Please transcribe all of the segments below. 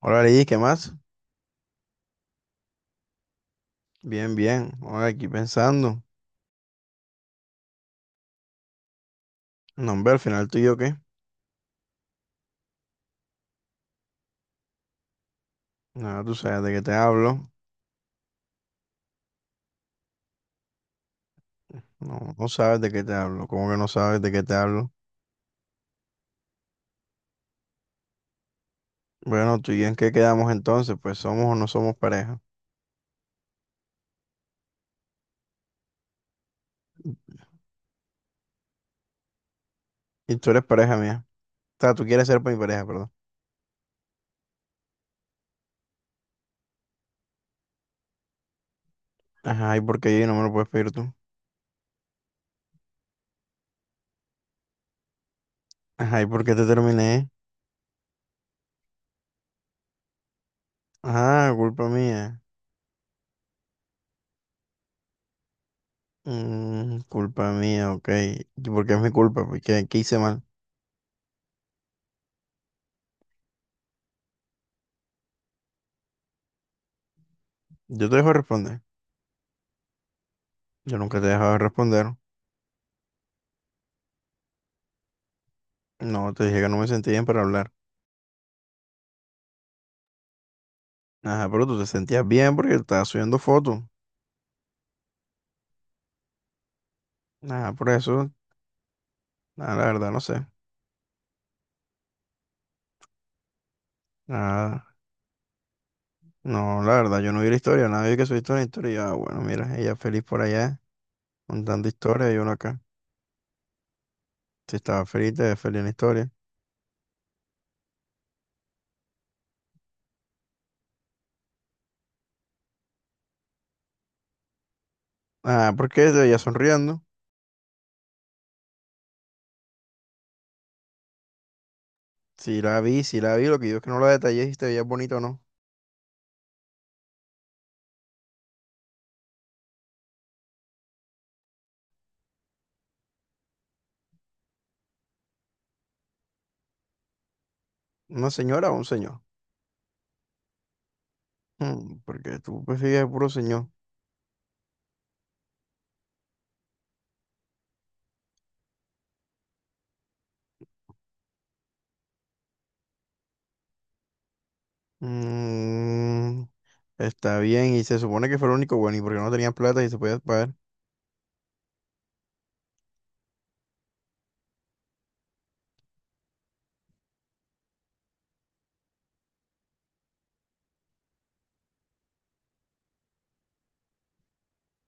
Hola, Liz, ¿qué más? Bien, bien. Ahora aquí pensando. No, hombre, al final tú y yo qué. Nada, tú sabes de qué te hablo. No, no sabes de qué te hablo. ¿Cómo que no sabes de qué te hablo? Bueno, tú y yo en qué quedamos entonces, pues somos o no somos pareja. Y tú eres pareja mía. O sea, tú quieres ser mi pareja, perdón. Ajá, ¿y por qué yo no me lo puedes pedir tú? Ajá, ¿y por qué te terminé? Ajá, culpa mía. Mm, culpa mía, ok. ¿Y por qué es mi culpa? Porque ¿qué hice mal? Yo te dejo de responder. Yo nunca te he dejado de responder. No, te dije que no me sentía bien para hablar. Ajá, pero tú te sentías bien porque estabas subiendo fotos. Ajá, por eso, nada, la verdad, no sé. Nada, no, la verdad, yo no vi la historia, nadie que subiste una historia. Y yo, ah, bueno, mira, ella feliz por allá, contando historia y uno acá. Si estaba feliz, te ves feliz en la historia. Ah, porque te veía sonriendo. Si la vi, si la vi, lo que yo es que no la detallé si te veías bonito o no. ¿Una señora o un señor? Mm, porque tú prefieres puro señor. Mm, está bien, y se supone que fue el único bueno, y porque no tenían plata y se podía pagar,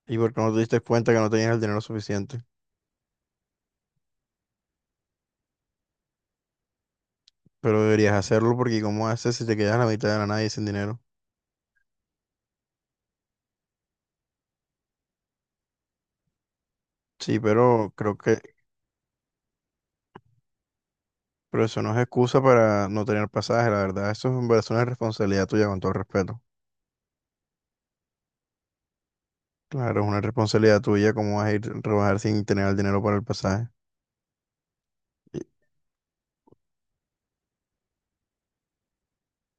y porque no te diste cuenta que no tenías el dinero suficiente. Pero deberías hacerlo porque ¿cómo haces si te quedas a la mitad de la nada y sin dinero? Sí, pero creo que, pero eso no es excusa para no tener pasaje, la verdad, eso es, es una responsabilidad tuya con todo respeto. Claro, es una responsabilidad tuya cómo vas a ir a rebajar sin tener el dinero para el pasaje. Y-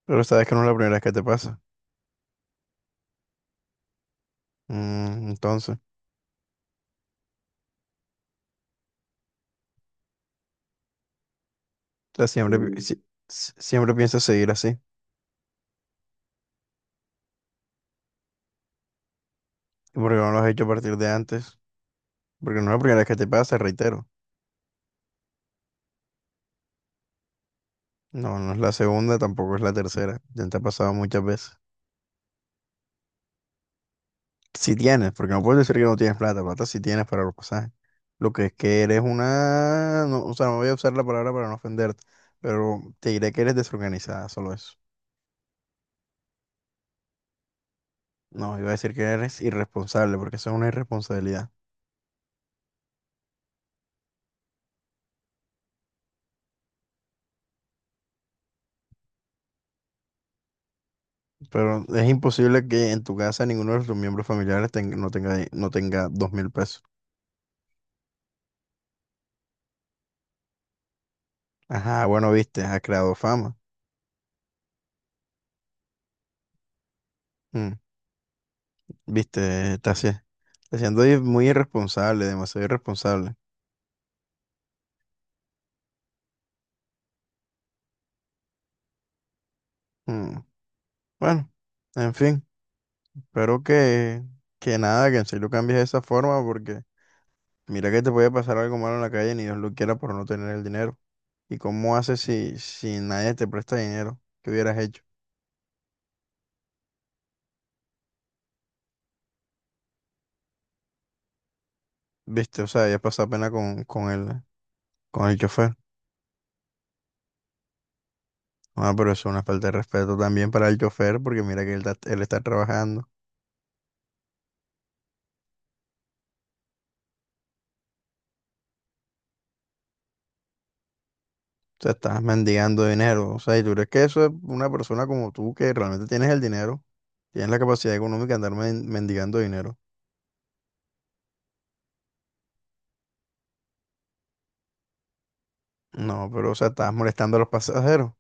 Pero sabes que no es la primera vez que te pasa. Entonces, o sea, siempre, siempre piensas seguir así, y porque no lo has hecho a partir de antes. Porque no es la primera vez que te pasa, reitero. No, no es la segunda, tampoco es la tercera. Ya te ha pasado muchas veces. Si tienes, porque no puedes decir que no tienes plata, plata si tienes para los pasajes. Lo que es que eres una... no, o sea, no voy a usar la palabra para no ofenderte, pero te diré que eres desorganizada, solo eso. No, iba a decir que eres irresponsable, porque eso es una irresponsabilidad. Pero es imposible que en tu casa ninguno de tus miembros familiares no tenga 2.000 pesos. Ajá, bueno, viste, ha creado fama. Mm. Viste, está, está siendo muy irresponsable, demasiado irresponsable. Mm, bueno, en fin, espero que nada, que en serio cambies de esa forma, porque mira que te puede pasar algo malo en la calle, ni Dios lo quiera por no tener el dinero. ¿Y cómo haces si nadie te presta dinero? ¿Qué hubieras hecho? Viste, o sea, ya pasado pena con el chofer. Ah, pero eso es una falta de respeto también para el chofer, porque mira que él está trabajando. Sea, estás mendigando dinero. O sea, ¿y tú crees que eso es una persona como tú que realmente tienes el dinero? Tienes la capacidad económica de andar mendigando dinero. No, pero o sea, estás molestando a los pasajeros.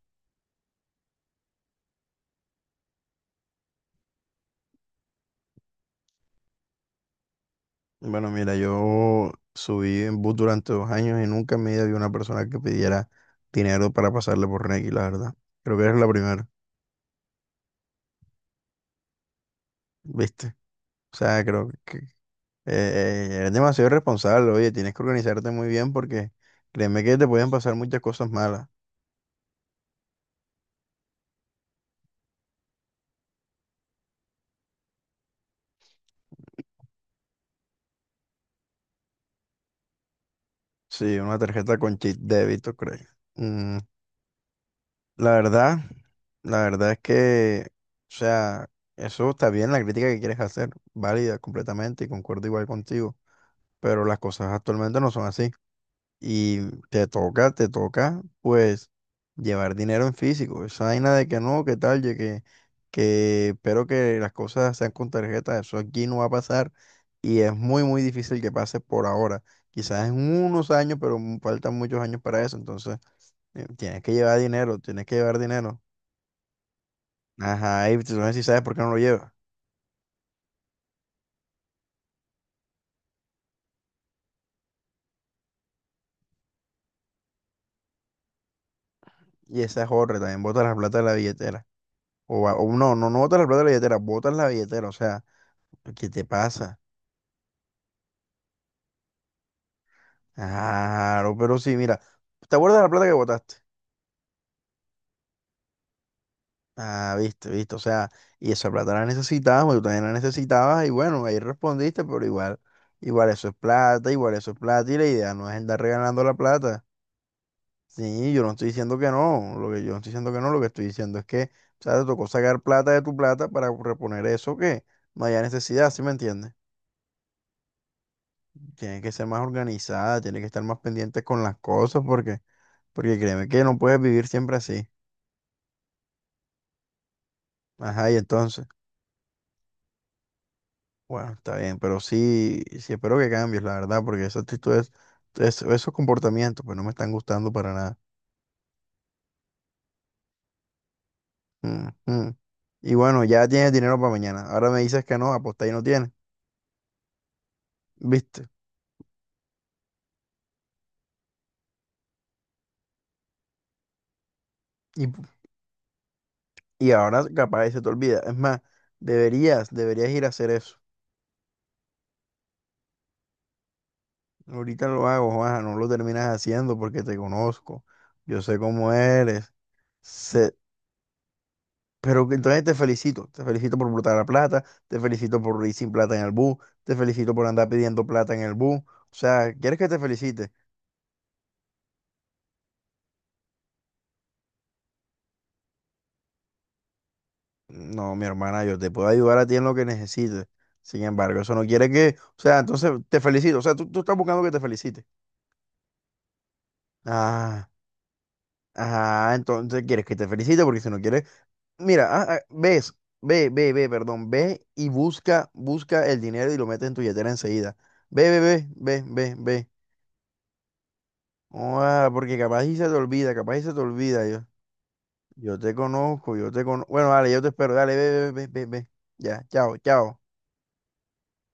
Bueno, mira, yo subí en bus durante 2 años y nunca en mi vida vi una persona que pidiera dinero para pasarle por Nequi, la verdad. Creo que eres la primera, ¿viste? O sea, creo que eres demasiado irresponsable. Oye, tienes que organizarte muy bien porque créeme que te pueden pasar muchas cosas malas. Sí, una tarjeta con chip débito, creo. Mm, la verdad, la verdad es que, o sea, eso está bien, la crítica que quieres hacer, válida completamente y concuerdo igual contigo, pero las cosas actualmente no son así. Y te toca, pues, llevar dinero en físico. Esa vaina de que no, que tal, ye que espero que las cosas sean con tarjeta, eso aquí no va a pasar. Y es muy, muy difícil que pase por ahora. Quizás en unos años, pero faltan muchos años para eso. Entonces, tienes que llevar dinero, tienes que llevar dinero. Ajá, y tú no sé si sabes por qué no lo llevas. Y esa es otra, también botas la plata de la billetera. O no, no, no botas la plata de la billetera, botas la billetera. O sea, ¿qué te pasa? Claro, pero sí, mira, ¿te acuerdas de la plata que botaste? Ah, viste, viste, o sea, y esa plata la necesitábamos, tú también la necesitabas, y bueno, ahí respondiste, pero igual, igual eso es plata, igual eso es plata, y la idea no es andar regalando la plata. Sí, yo no estoy diciendo que no, lo que yo no estoy diciendo que no, lo que estoy diciendo es que, o sea, te tocó sacar plata de tu plata para reponer eso que no haya necesidad, ¿sí me entiendes? Tienes que ser más organizada, tienes que estar más pendiente con las cosas, porque créeme que no puedes vivir siempre así. Ajá, y entonces. Bueno, está bien, pero sí, sí espero que cambies, la verdad, porque esas actitudes, esos comportamientos, pues no me están gustando para nada. Mm, mm. Y bueno, ya tienes dinero para mañana. Ahora me dices que no, apostar y no tienes, ¿viste? Y, y ahora capaz se te olvida. Es más, deberías ir a hacer eso. Ahorita lo hago, Juanja, no lo terminas haciendo porque te conozco. Yo sé cómo eres. Pero que entonces te felicito por botar la plata, te felicito por ir sin plata en el bus, te felicito por andar pidiendo plata en el bus. O sea, ¿quieres que te felicite? No, mi hermana, yo te puedo ayudar a ti en lo que necesites. Sin embargo, eso no quiere que, o sea, entonces te felicito, o sea, tú estás buscando que te felicite. Ah, entonces quieres que te felicite porque si no quieres, mira, ves, ve, ve, ve, perdón, ve y busca, busca el dinero y lo metes en tu billetera enseguida. Ve, ve, ve, ve, ve, ve. Ah, porque capaz y se te olvida, capaz y se te olvida. Yo te conozco, yo te conozco. Bueno, dale, yo te espero. Dale, ve, ve, ve, ve, ve. Ya, chao, chao.